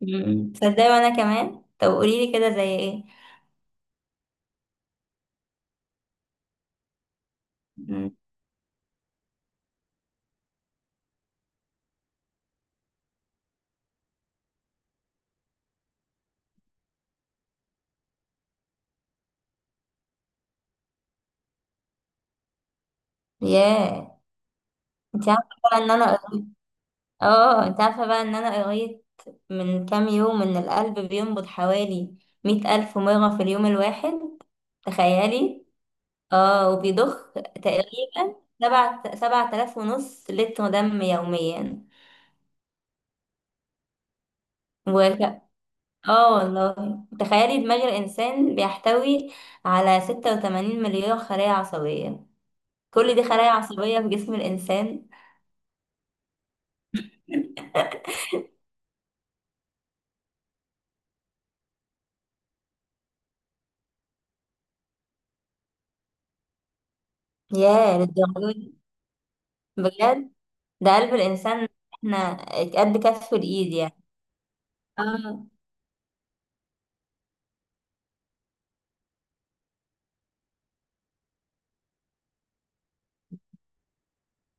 مم. تصدقي وانا كمان، طب قولي لي كده زي ايه؟ مم. ياه انت عارفه بقى ان انا اه انت عارفه بقى ان انا قريت من كام يوم ان القلب بينبض حوالي 100 ألف مره في اليوم الواحد، تخيلي. اه وبيضخ تقريبا سبعة آلاف ونص لتر دم يوميا. وك... اه والله. تخيلي دماغ الإنسان بيحتوي على 86 مليار خلايا عصبية. كل دي خلايا عصبية في جسم الإنسان. ياه للدرجة دي، بجد. ده قلب الإنسان احنا قد كف الإيد يعني. اه.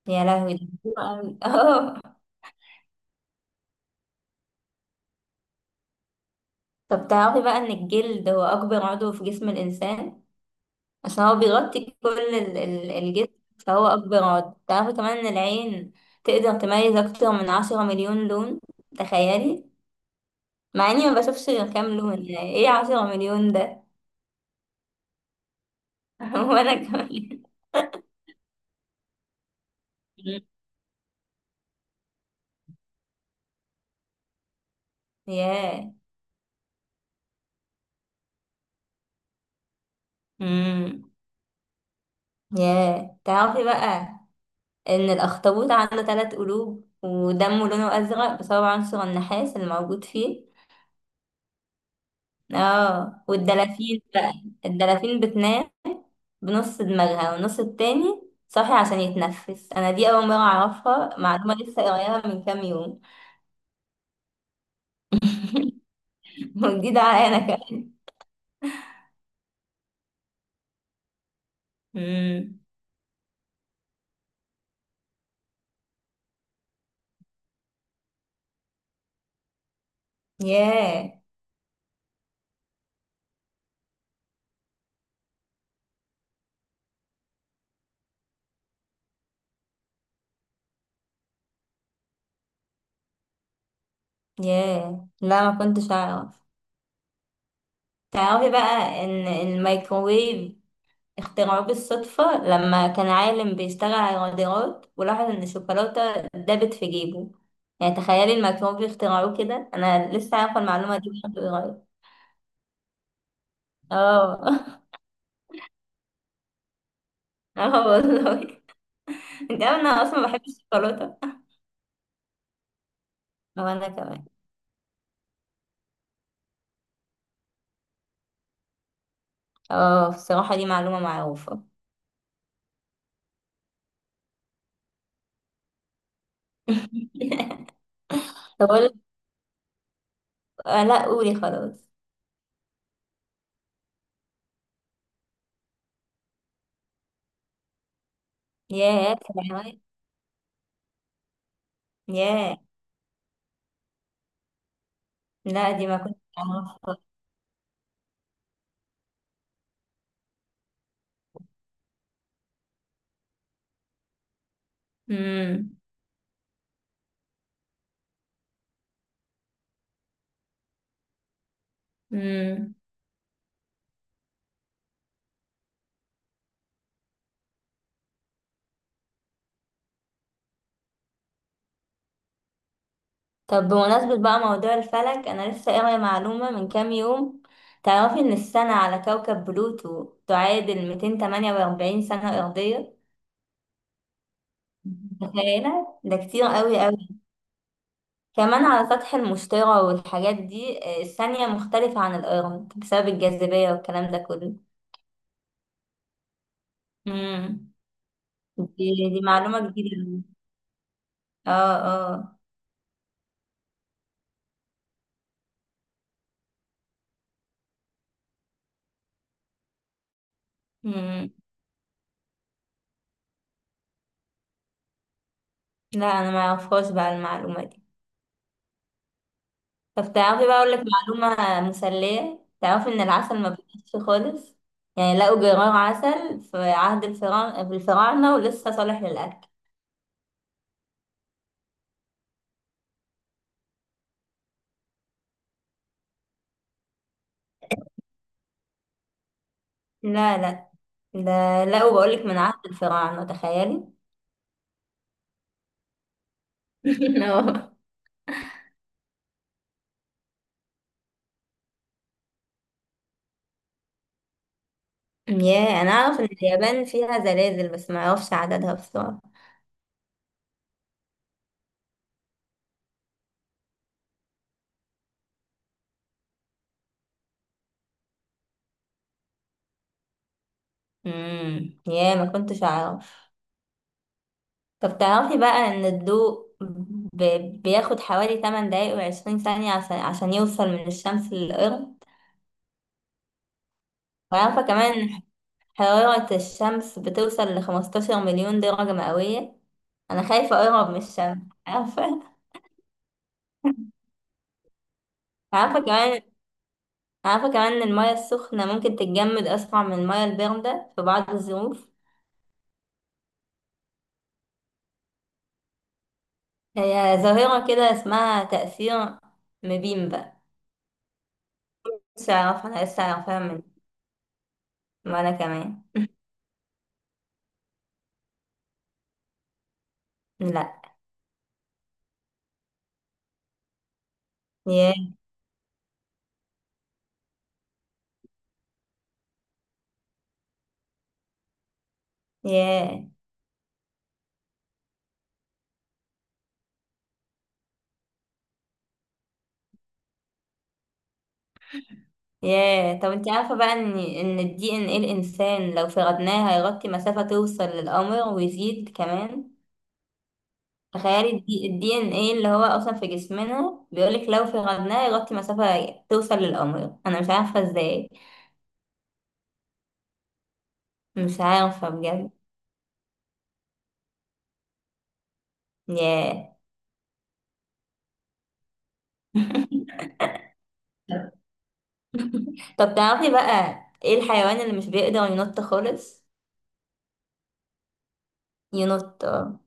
يا لهوي ده كتير أوي اه. طب تعرفي بقى إن الجلد هو أكبر عضو في جسم الإنسان، عشان هو بيغطي كل الجسم. فهو أكبر عضو. تعرفي كمان إن العين تقدر تميز أكتر من 10 مليون لون، تخيلي. مع إني ما بشوفش غير كام لون، يعني إيه 10 مليون ده؟ وأنا كمان. ياه، امم، ياه. تعرفي بقى إن الأخطبوط عنده 3 قلوب ودمه لونه أزرق بسبب عنصر النحاس اللي موجود فيه. اه، والدلافين بقى، الدلافين بتنام بنص دماغها والنص التاني صاحي عشان يتنفس. أنا دي أول مرة أعرفها، معلومة لسه قريبة من كام يوم. وجديدة عليا أنا كمان. مم. ياه، ياه، لا ما كنتش أعرف. تعرفي بقى إن الميكروويف اخترعوه بالصدفة، لما كان عالم بيشتغل على الرادارات ولاحظ إن الشوكولاتة دابت في جيبه. يعني تخيلي الميكروب بيخترعوه كده. أنا لسه عارفة المعلومة دي لحد قريب. اه اه والله. انت عارفة إن أنا أصلا بحب الشوكولاتة. وأنا كمان. اه، بصراحة دي معلومة معروفة. طب أقول. آه لا، قولي خلاص. ياه. ياه، لا دي ما كنت أعرفها. امم. طب بمناسبة بقى موضوع الفلك، أنا لسه قارية معلومة من كام يوم. تعرفي إن السنة على كوكب بلوتو تعادل 248 سنة أرضية؟ متخيلة ده كتير قوي قوي. كمان على سطح المشتري والحاجات دي الثانية مختلفة عن الأرض بسبب الجاذبية والكلام ده كله. امم. دي معلومة جديدة. اه، اه. امم، لا أنا ما أعرفهاش بقى المعلومة دي. طب تعرفي بقى، اقول لك معلومه مسليه. تعرفي ان العسل ما بيتنسيش خالص، يعني لقوا جرار عسل في عهد الفراعنه، في الفراعنه ولسه صالح للاكل. لا لا، ده لقوا بقول لك من عهد الفراعنه، تخيلي. اه. ياه، انا اعرف ان اليابان فيها زلازل، بس ما اعرفش عددها بصراحه. امم، ياه ما كنتش اعرف. طب تعرفي بقى ان الضوء ب... بياخد حوالي 8 دقايق و20 ثانيه عشان عشان يوصل من الشمس للارض. وعارفه كمان حرارة الشمس بتوصل لـ15 مليون درجة مئوية. أنا خايفة أقرب من الشمس. عارفة عارفة كمان عارفة كمان إن المياه السخنة ممكن تتجمد أسرع من المياه الباردة في بعض الظروف. هي ظاهرة كده اسمها تأثير مبيم بقى. مش عارفة، أنا لسه عارفاها وأنا كمان. لأ. ياه، ياه، ياه. طب انت عارفة بقى ان ان الدي ان ايه الانسان لو فردناه هيغطي مسافة توصل للقمر ويزيد كمان. تخيلي الدي ان ايه اللي هو اصلا في جسمنا، بيقولك لو في غضنها يغطي مسافة توصل للقمر. انا مش عارفة ازاي. مش عارفة بجد. ياه. طب تعرفي بقى ايه الحيوان اللي مش بيقدر ينط خالص؟ ينط، اه.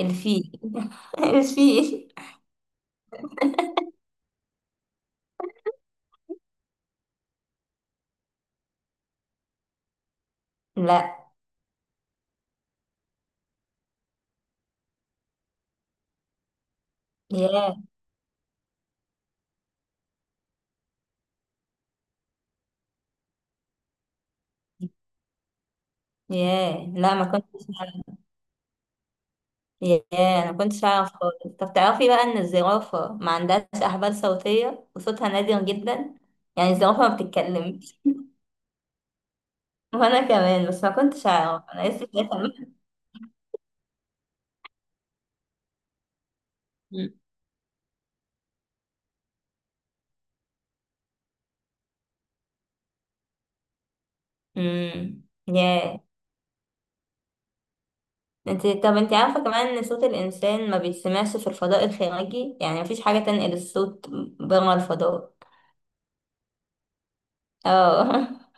الفيل. الفيل. لا. ياه، ياه، لا ما كنتش أعرف. ياه، انا ما كنتش اعرف خالص. طب تعرفي بقى ان الزرافة ما عندهاش احبال صوتية وصوتها نادر جدا. يعني الزرافة ما بتتكلمش. وانا كمان، بس ما كنتش اعرف انا لسه شايفه. امم. ياه. طب انت عارفه كمان ان صوت الانسان ما بيتسمعش في الفضاء الخارجي، يعني مفيش حاجه تنقل الصوت بره الفضاء. اه.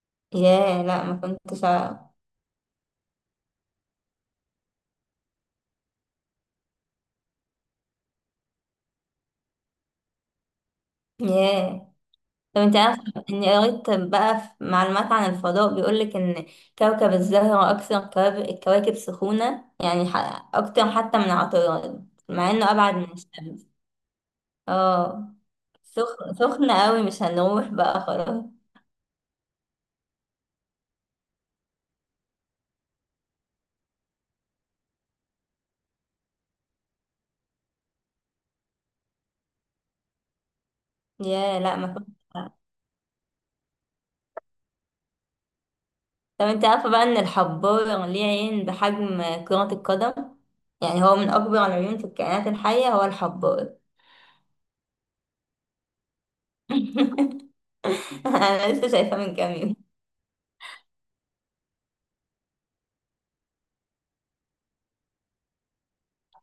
ياه، لا ما كنتش اعرف. ياه. طب انت عارفه، اني قريت بقى في معلومات عن الفضاء، بيقولك ان كوكب الزهره اكثر الكواكب سخونه، يعني اكتر حتى من عطارد مع انه ابعد من الشمس. اه، سخن سخن قوي، مش هنروح بقى خلاص. يا، لا ما فيهوش. طب انت عارفه بقى ان الحبار ليه عين بحجم كرة القدم. يعني هو من اكبر العيون في الكائنات الحية، هو الحبار. انا لسه شايفاه من كام يوم.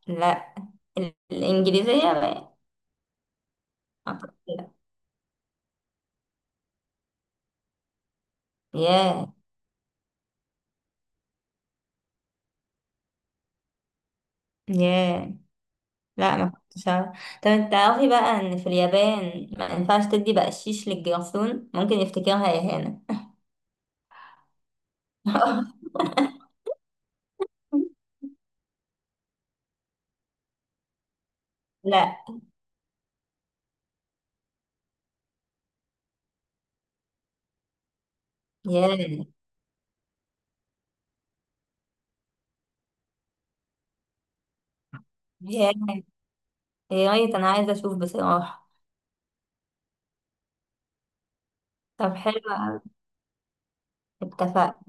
لا، الانجليزية بقى. أعتقد لا. ياه، ياه، لا ما كنتش عارفة. طب انت تعرفي بقى ان في اليابان ما ينفعش تدي بقشيش للجرسون، ممكن يفتكرها اهانة. لا. ياه. يا يا ريت، انا عايزه اشوف بصراحه. طب حلو أوي. اتفقنا.